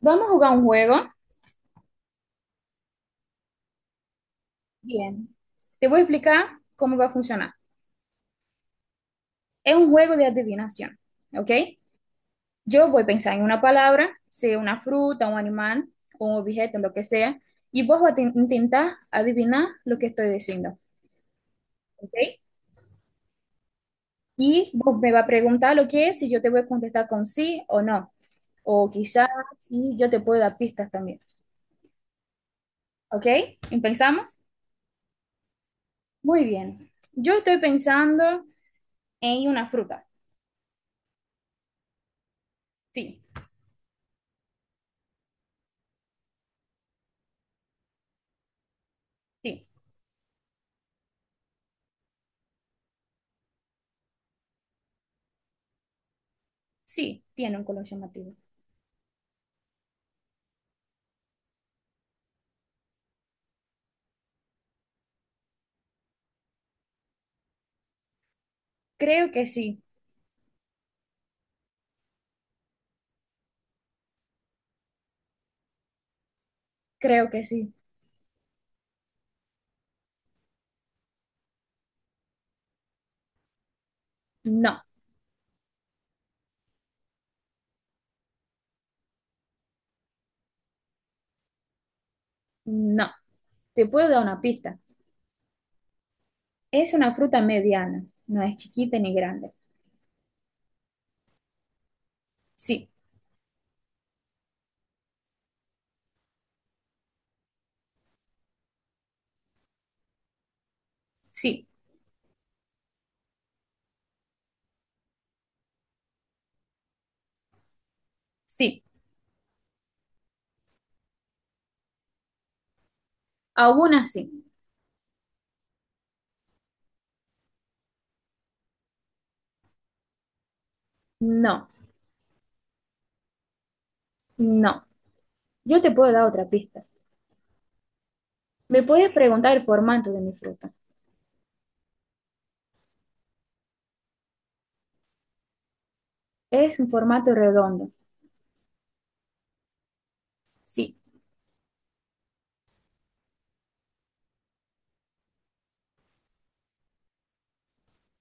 Vamos a jugar un juego. Bien, te voy a explicar cómo va a funcionar. Es un juego de adivinación, ¿ok? Yo voy a pensar en una palabra, sea una fruta, un animal, un objeto, lo que sea, y vos vas a intentar adivinar lo que estoy diciendo, ¿ok? Y vos me vas a preguntar lo que es y yo te voy a contestar con sí o no, o quizás, y yo te puedo dar pistas también, ¿ok? ¿Pensamos? Muy bien. Yo estoy pensando en una fruta. Sí, sí. Sí, tiene un color llamativo. Creo que sí, creo que sí. No, no. Te puedo dar una pista. Es una fruta mediana, no es chiquita ni grande. Sí, sí, sí. Algunas sí. No, no. Yo te puedo dar otra pista. Me puedes preguntar el formato de mi fruta. Es un formato redondo. Sí,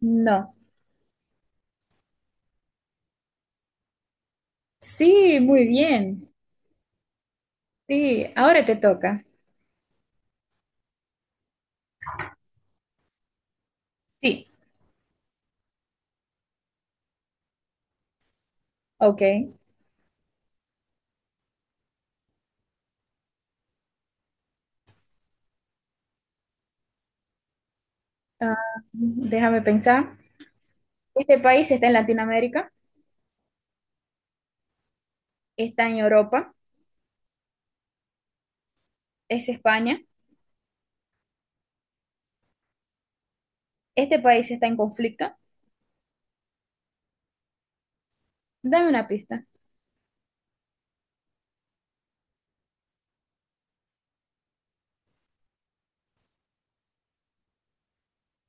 no. Sí, muy bien. Sí, ahora te toca. Sí, ok. Ah, déjame pensar. Este país está en Latinoamérica. Está en Europa, es España, este país está en conflicto. Dame una pista.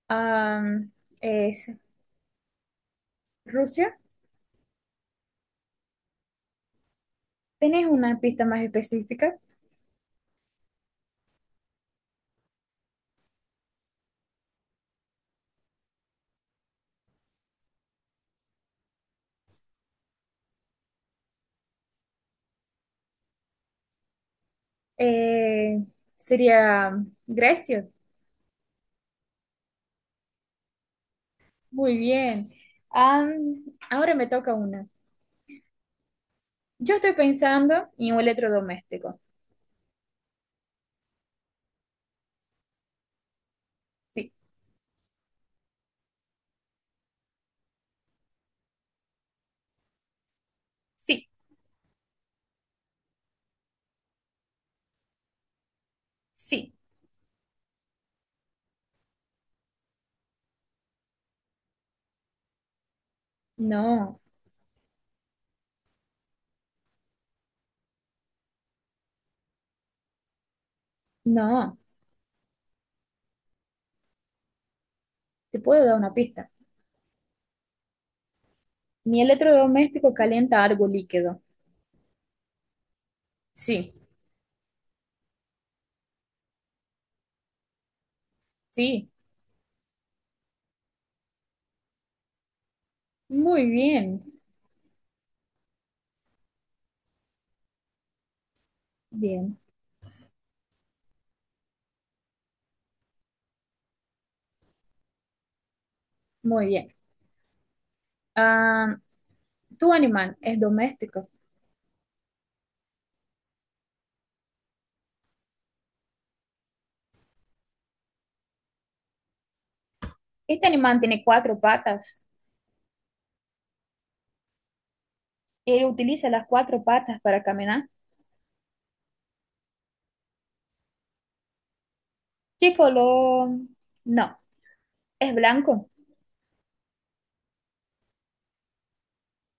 Am, es Rusia. ¿Tenés una pista más específica? Eh, sería Grecia. Muy bien. Am, ahora me toca una. Yo estoy pensando en un electrodoméstico. Sí, sí, sí. No, no. Te puedo dar una pista. Mi electrodoméstico calienta algo líquido. Sí, sí. Muy bien. Bien. Muy bien. Ah, tu animal es doméstico. Este animal tiene cuatro patas. Él utiliza las cuatro patas para caminar. ¿Qué color? No. ¿Es blanco?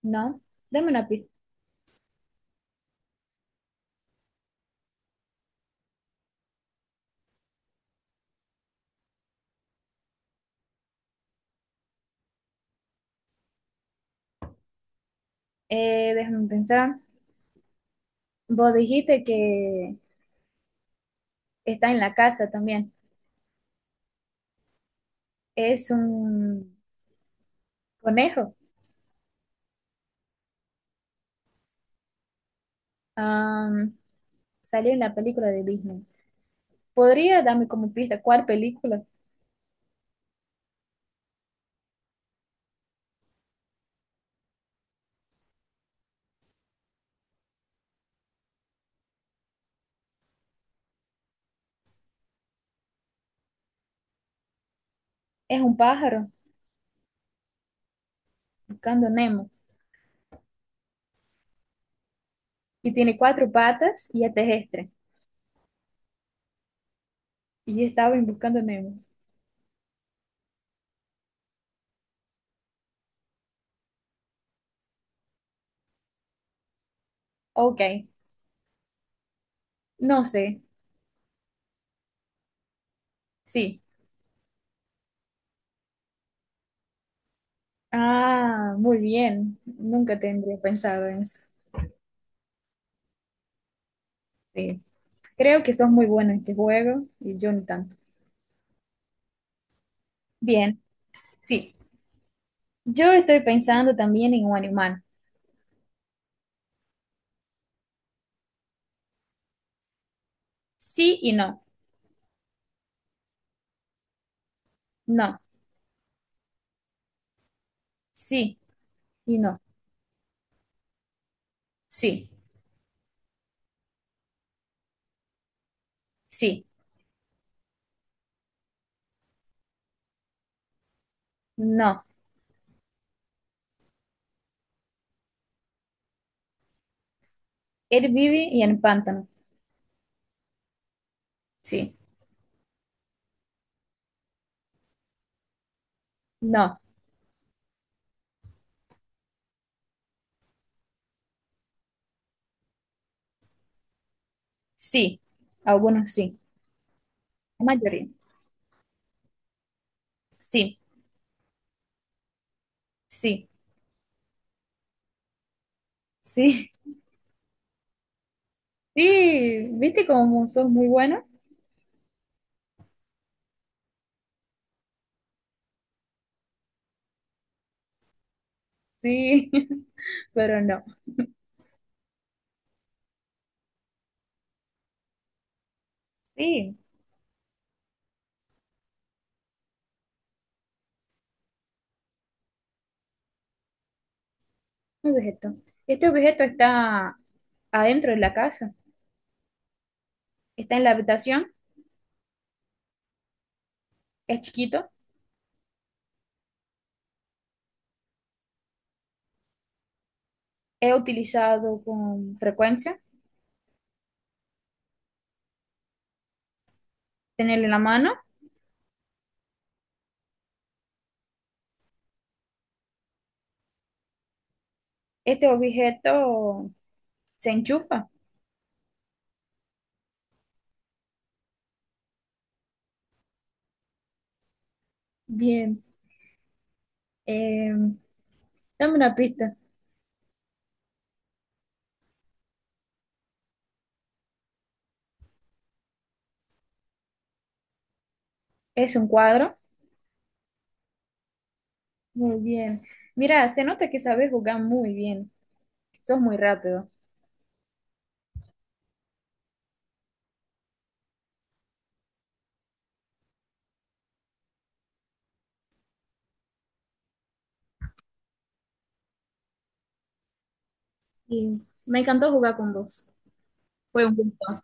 No. Dame una pista. Déjame pensar. Vos dijiste que está en la casa también. Es un conejo. Ah, salió en la película de Disney. ¿Podría darme como pista cuál película? Es un pájaro buscando Nemo y tiene cuatro patas y es terrestre. Y estaba en buscando a Nemo. Ok, no sé, sí. Ah, muy bien. Nunca tendría pensado en eso. Sí. Creo que sos muy bueno en este juego y yo ni tanto. Bien, sí. Yo estoy pensando también en un animal. Sí y no. No. Sí y no. Sí. Sí. No. Él vive y en pantano. Sí. No. Sí. Algunos sí. La mayoría. Sí. Sí. Sí. Sí. ¿Viste cómo sos muy bueno? Sí, pero no. Sí, un objeto. Este objeto está adentro de la casa, está en la habitación, es chiquito, es utilizado con frecuencia, tenerlo en la mano. Este objeto se enchufa. Bien, eh, dame una pista. Es un cuadro. Muy bien. Mira, se nota que sabes jugar muy bien. Sos muy rápido. Y me encantó jugar con vos. Fue un gusto.